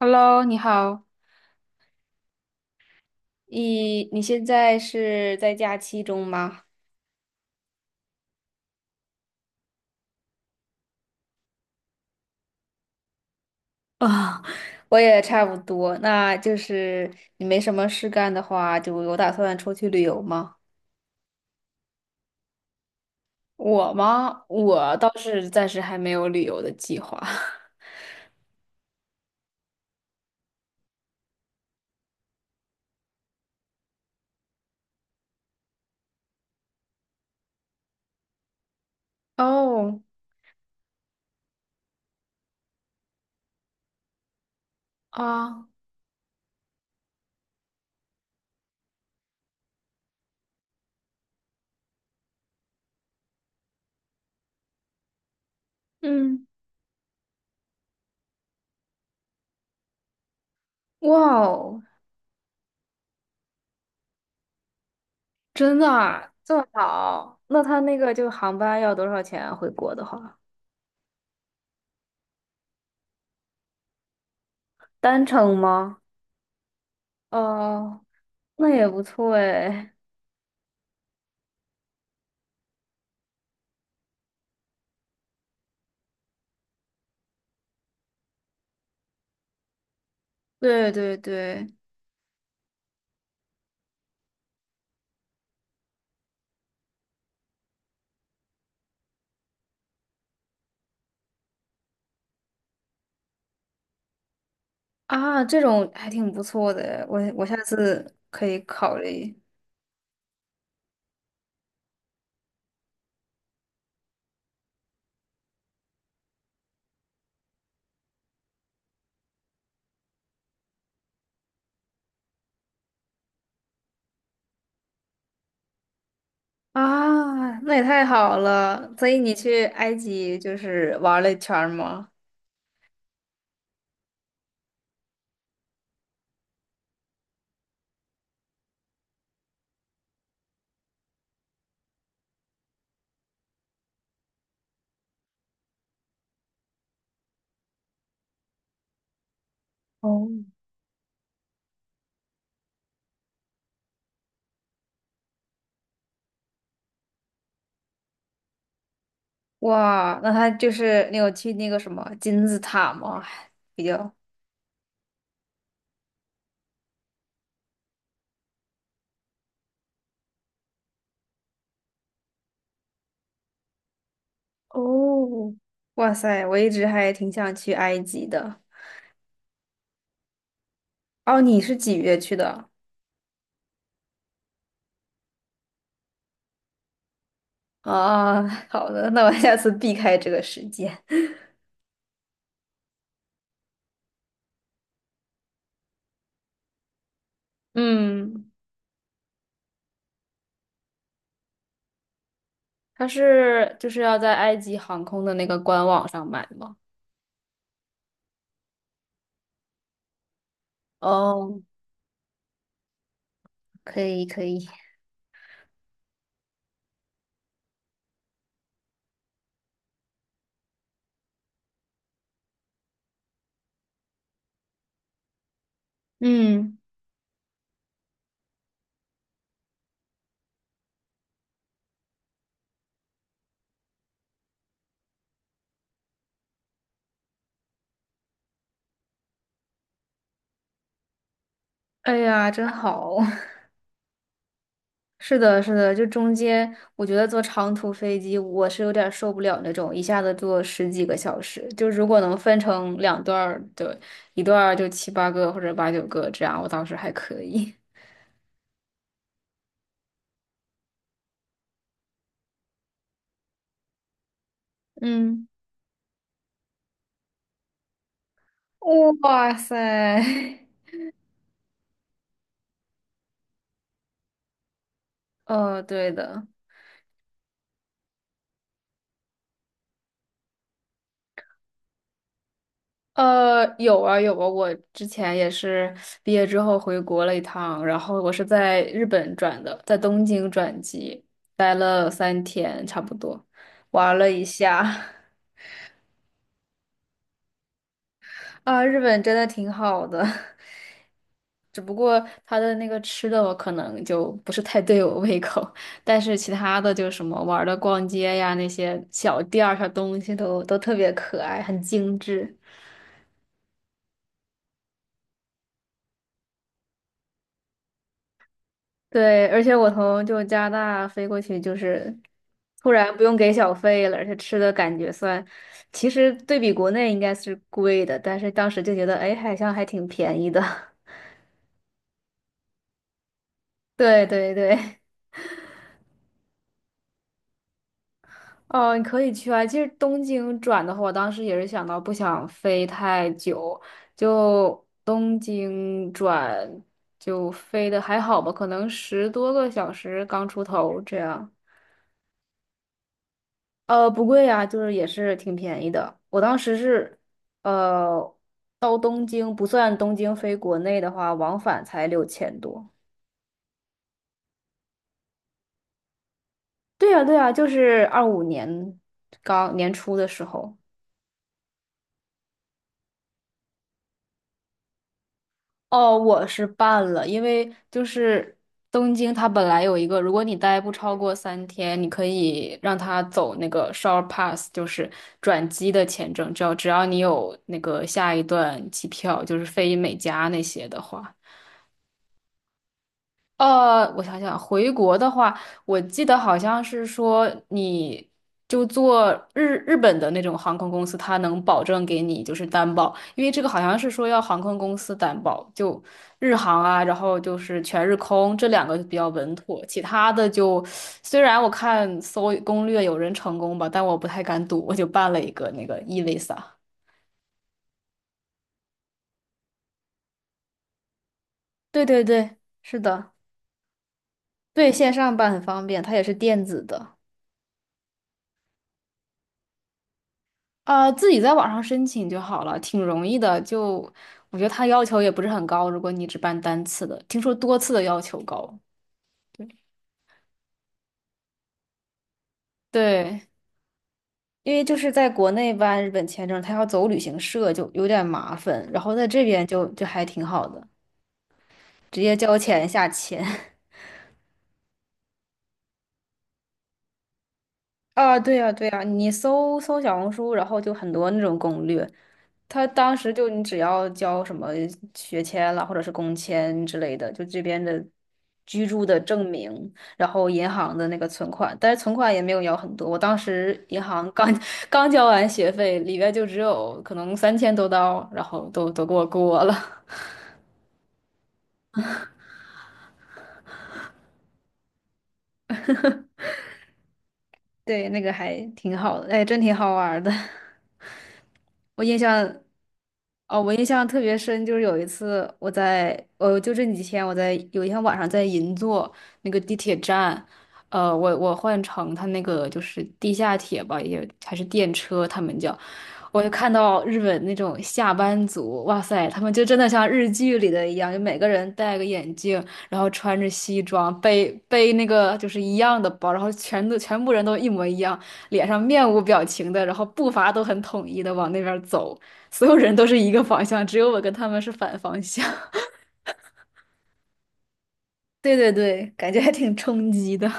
Hello，你好，你现在是在假期中吗？啊、我也差不多，那就是你没什么事干的话，就有打算出去旅游吗？我吗？我倒是暂时还没有旅游的计划。哦，啊，嗯，哇哦，真的啊，这么早？那他那个就航班要多少钱啊回国的话，单程吗？哦，那也不错诶。对对对，啊，这种还挺不错的，我下次可以考虑啊，那也太好了。所以你去埃及就是玩了一圈儿吗？哦，哇，那他就是你有去那个什么金字塔吗？还比较，哦，哇塞，我一直还挺想去埃及的。哦，你是几月去的？啊，好的，那我下次避开这个时间。嗯，他是就是要在埃及航空的那个官网上买吗？哦，可以可以，嗯，哎呀，真好。是的，是的，就中间，我觉得坐长途飞机我是有点受不了那种一下子坐十几个小时。就如果能分成两段儿，对，一段儿就七八个或者八九个这样，我倒是还可以。嗯，哇塞，哦，对的。有啊有啊，我之前也是毕业之后回国了一趟，然后我是在日本转的，在东京转机，待了三天差不多，玩了一下，啊，日本真的挺好的，只不过它的那个吃的我可能就不是太对我胃口，但是其他的就是什么玩儿的、逛街呀那些小店儿、小东西都特别可爱，很精致。对，而且我从就加拿大飞过去，就是突然不用给小费了，而且吃的感觉算，其实对比国内应该是贵的，但是当时就觉得，哎，好像还挺便宜的。对对对，哦，你可以去啊。其实东京转的话，我当时也是想到不想飞太久，就东京转飞的还好吧，可能10多个小时刚出头这样。不贵呀，就是也是挺便宜的。我当时是，呃，到东京不算东京飞国内的话，往返才6000多。对呀，对呀，就是25年刚年初的时候。哦，我是办了，因为就是东京它本来有一个，如果你待不超过三天，你可以让他走那个 short pass，就是转机的签证，只要你有那个下一段机票，就是飞美加那些的话。我想想，回国的话，我记得好像是说，你就坐日本的那种航空公司，它能保证给你就是担保，因为这个好像是说要航空公司担保，就日航啊，然后就是全日空这两个比较稳妥，其他的就虽然我看搜攻略有人成功吧，但我不太敢赌，我就办了一个那个 e-visa。对对对，是的，对线上办很方便，它也是电子的。自己在网上申请就好了，挺容易的。就我觉得他要求也不是很高，如果你只办单次的，听说多次的要求高。对，因为就是在国内办日本签证，他要走旅行社就有点麻烦，然后在这边就还挺好的，直接交钱下签。啊，对呀，对呀，你搜搜小红书，然后就很多那种攻略，他当时就你只要交什么学签了或者是工签之类的，就这边的居住的证明，然后银行的那个存款，但是存款也没有要很多。我当时银行刚 刚交完学费，里边就只有可能3000多刀，然后都给我过了。对，那个还挺好的，哎，真挺好玩儿的。我印象，哦，我印象特别深，就是有一次我在，就这几天我在有一天晚上在银座那个地铁站，我换乘他那个就是地下铁吧，也还是电车，他们叫，我就看到日本那种下班族，哇塞，他们就真的像日剧里的一样，就每个人戴个眼镜，然后穿着西装，背那个就是一样的包，然后全都全部人都一模一样，脸上面无表情的，然后步伐都很统一的往那边走，所有人都是一个方向，只有我跟他们是反方向。对对对，感觉还挺冲击的。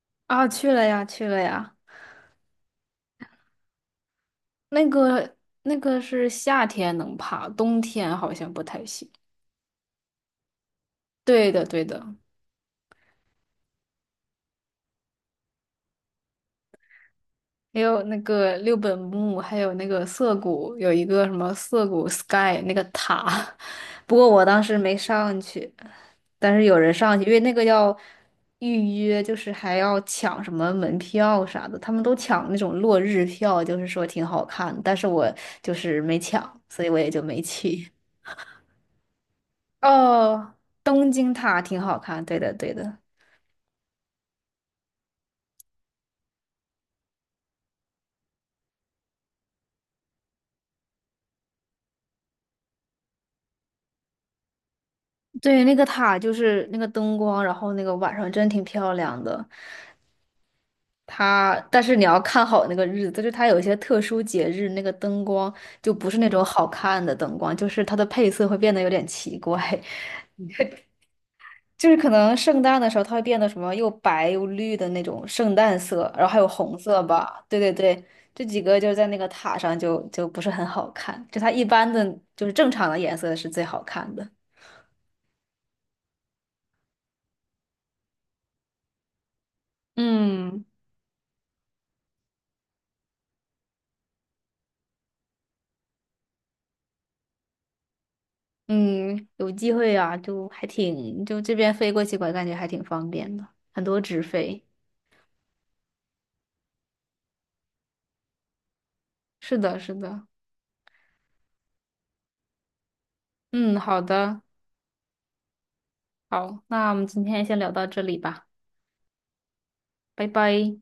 啊，去了呀，去了呀，那个是夏天能爬，冬天好像不太行。对的，对的。还有那个六本木，还有那个涩谷，有一个什么涩谷 Sky 那个塔，不过我当时没上去，但是有人上去，因为那个要预约，就是还要抢什么门票啥的，他们都抢那种落日票，就是说挺好看，但是我就是没抢，所以我也就没去。哦，东京塔挺好看，对的对的，对，那个塔就是那个灯光，然后那个晚上真挺漂亮的。它，但是你要看好那个日子，就是它有一些特殊节日，那个灯光就不是那种好看的灯光，就是它的配色会变得有点奇怪，就是可能圣诞的时候它会变得什么又白又绿的那种圣诞色，然后还有红色吧，对对对，这几个就是在那个塔上就不是很好看，就它一般的就是正常的颜色是最好看的。嗯，嗯，有机会啊，就还挺，就这边飞过去，我感觉还挺方便的，很多直飞。是的，是的。嗯，好的，好，那我们今天先聊到这里吧，拜拜。